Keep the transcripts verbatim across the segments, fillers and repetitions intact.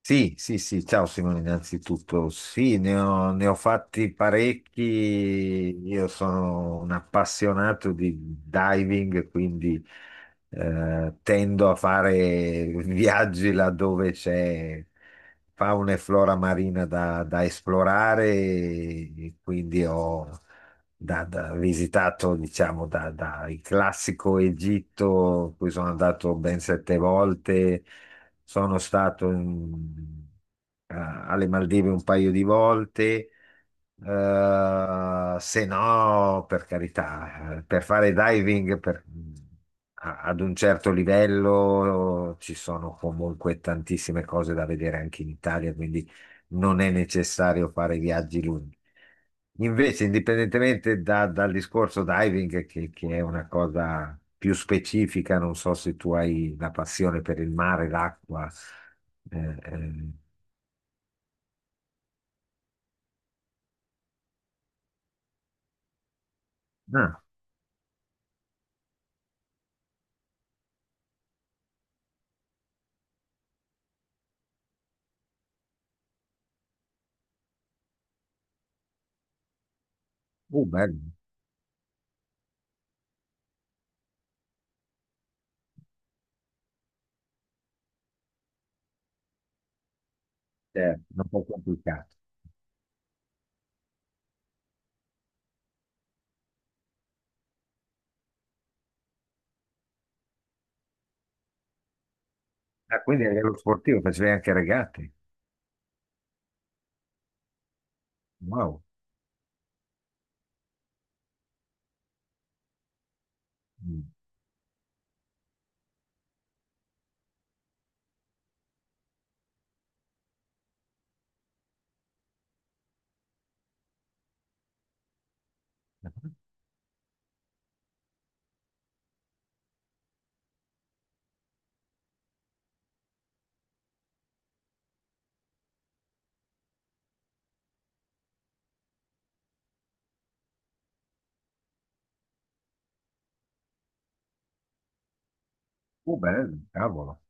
Sì, sì, sì, ciao Simone, innanzitutto sì, ne ho, ne ho fatti parecchi. Io sono un appassionato di diving, quindi eh, tendo a fare viaggi laddove c'è fauna e flora marina da, da esplorare, e quindi ho da- da- visitato, diciamo, da, da il classico Egitto, in cui sono andato ben sette volte. Sono stato in- a- alle Maldive un paio di volte. Eh, se no, per carità, eh, per fare diving per- a- ad un certo livello ci sono comunque tantissime cose da vedere anche in Italia, quindi non è necessario fare viaggi lunghi. Invece, indipendentemente da- dal discorso diving, che, che è una cosa più specifica, non so se tu hai la passione per il mare, l'acqua. eh, eh, ah, uh, bello, certo, un po' complicato. Ah, quindi a livello sportivo facevi anche regate. Wow. Mm. Uh, bello, cavolo.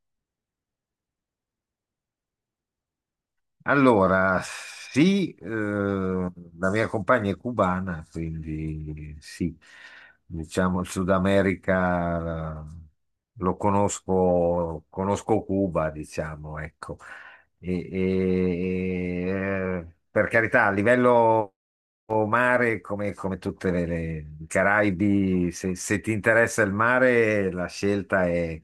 Allora, sì, eh, la mia compagna è cubana, quindi sì, diciamo il Sud America, eh, lo conosco, conosco Cuba, diciamo, ecco. E- e- eh, per carità, a livello mare, come, come tutte le, le- i Caraibi, se se ti interessa il mare, la scelta è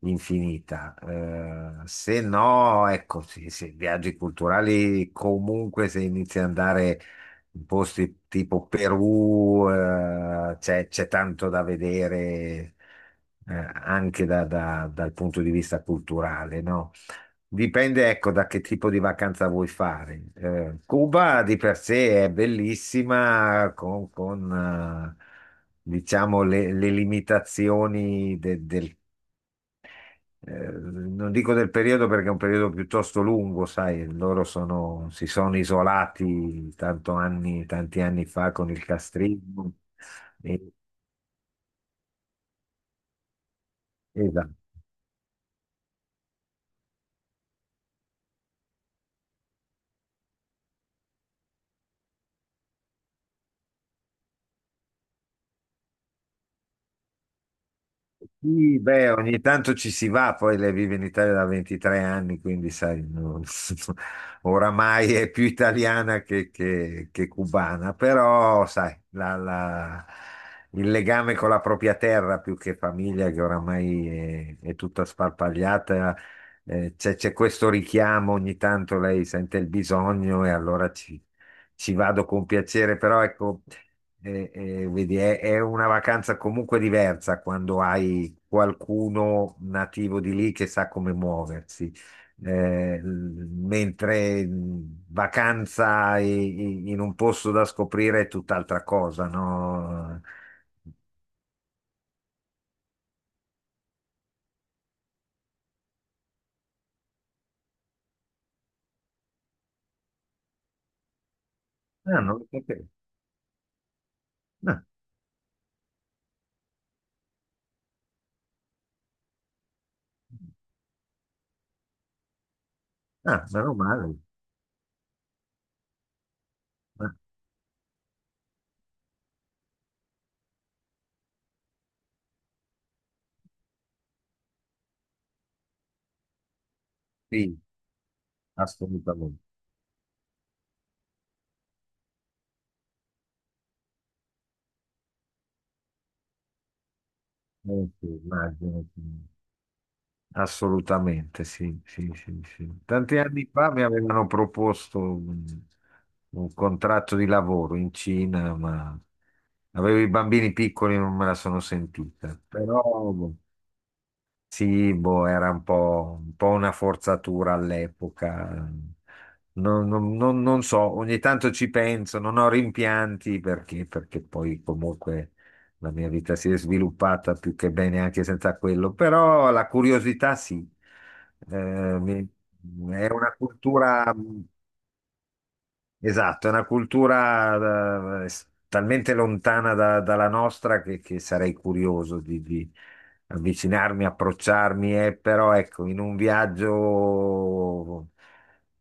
infinita. Eh, se no, ecco, sì, sì, viaggi culturali comunque se inizi ad andare in posti tipo Perù, eh, c'è c'è tanto da vedere, eh, anche da- da- dal punto di vista culturale, no? Dipende, ecco, da che tipo di vacanza vuoi fare. Eh, Cuba di per sé è bellissima con, con, eh, diciamo, le, le limitazioni de- del eh, non dico del periodo, perché è un periodo piuttosto lungo, sai, loro sono- si sono isolati tanto anni- tanti anni fa con il castrismo. E- esatto. Sì, beh, ogni tanto ci si va, poi lei vive in Italia da ventitré anni, quindi sai, non- oramai è più italiana che, che- che cubana, però sai, la- la- il legame con la propria terra più che famiglia, che oramai è, è tutta sparpagliata, eh, c'è c'è questo richiamo, ogni tanto lei sente il bisogno e allora ci ci vado con piacere, però ecco. Eh, eh, vedi, è, è una vacanza comunque diversa quando hai qualcuno nativo di lì che sa come muoversi. Eh, l- mentre mh, vacanza i- i- in un posto da scoprire è tutt'altra cosa, no? Ah, non lo sapevo. Ah, ah, meno male. Ah, sì, assolutamente. Eh, sì, immagino. Sì. Assolutamente, sì, sì, sì, sì. Tanti anni fa mi avevano proposto un, un contratto di lavoro in Cina, ma avevo i bambini piccoli e non me la sono sentita. Però sì, boh, era un po', un po' una forzatura all'epoca. Non, non- non- non so, ogni tanto ci penso, non ho rimpianti, perché, perché poi comunque la mia vita si è sviluppata più che bene anche senza quello, però la curiosità sì. Eh, mi- è una cultura. Esatto, è una cultura, eh, s- talmente lontana da- dalla nostra che, che sarei curioso di, di avvicinarmi, approcciarmi, eh, però ecco, in un viaggio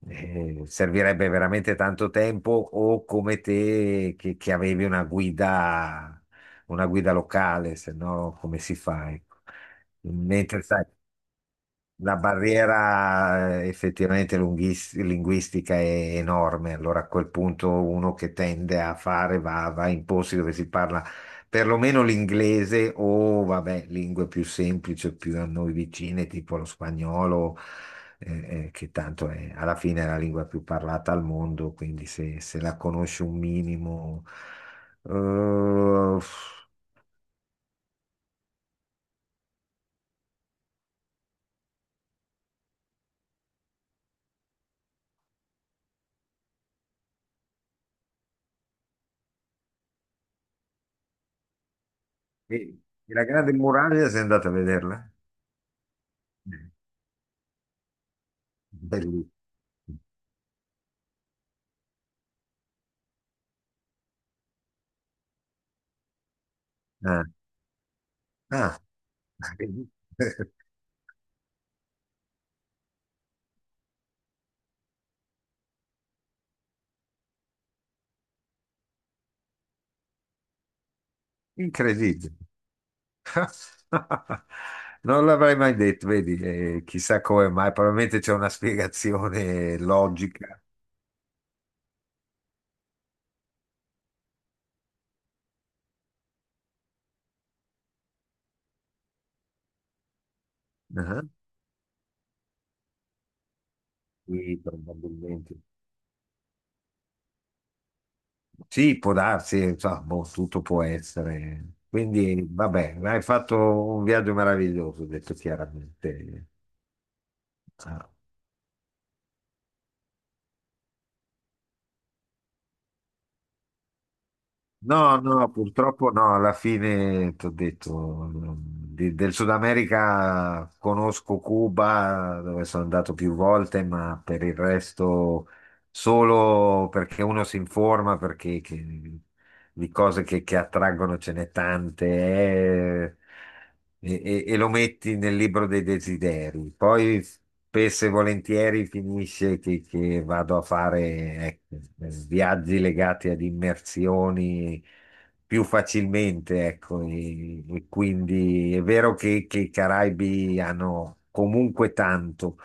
eh, servirebbe veramente tanto tempo, o come te che, che avevi una guida, una guida locale, se no come si fa? Ecco. Mentre sai. La barriera, eh, effettivamente, lunghis- linguistica è enorme, allora a quel punto uno che tende a fare va, va in posti dove si parla perlomeno l'inglese o, vabbè, lingue più semplici, più a noi vicine, tipo lo spagnolo, eh, eh, che tanto è, alla fine, è la lingua più parlata al mondo, quindi se, se la conosci un minimo. Eh, e, e la Grande Muraglia, sei andata a vederla? Bellissima. Ah. Ah. Incredibile. Non l'avrei mai detto, vedi, eh, chissà come mai, probabilmente c'è una spiegazione logica. Ah, Sì, probabilmente. Sì, può darsi, insomma, boh, tutto può essere. Quindi, vabbè, hai fatto un viaggio meraviglioso, ho detto chiaramente. No, no, purtroppo no, alla fine ti ho detto, di- del Sud America conosco Cuba, dove sono andato più volte, ma per il resto solo perché uno si informa, perché che- di cose che, che attraggono ce n'è tante, eh, e, e- e lo metti nel libro dei desideri. Poi spesso e volentieri finisce che, che vado a fare, ecco, viaggi legati ad immersioni più facilmente, ecco, e, e quindi è vero che, che i Caraibi hanno comunque tanto.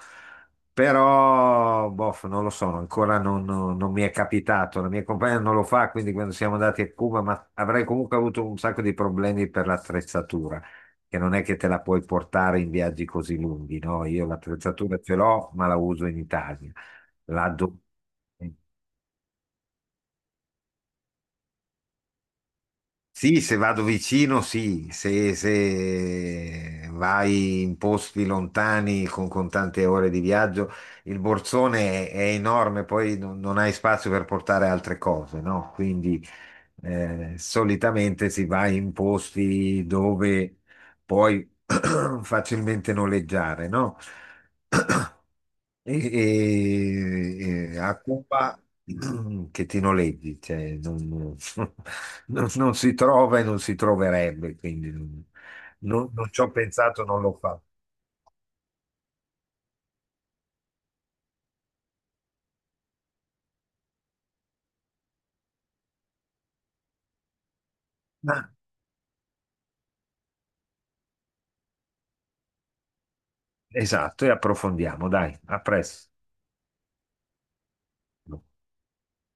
Però, boh, non lo so, ancora non, non- non mi è capitato. La mia compagna non lo fa, quindi quando siamo andati a Cuba, ma avrei comunque avuto un sacco di problemi per l'attrezzatura, che non è che te la puoi portare in viaggi così lunghi, no? Io l'attrezzatura ce l'ho, ma la uso in Italia. La do- Sì, se vado vicino, sì, se, se vai in posti lontani con con tante ore di viaggio, il borsone è, è enorme, poi non, non hai spazio per portare altre cose, no? Quindi, eh, solitamente si va in posti dove puoi facilmente noleggiare, no? E, e- e a Cuba che ti noleggi, cioè, non, non- non non si trova e non si troverebbe, quindi non, non- non ci ho pensato, non l'ho fatto. Ah, esatto, e approfondiamo, dai, a presto.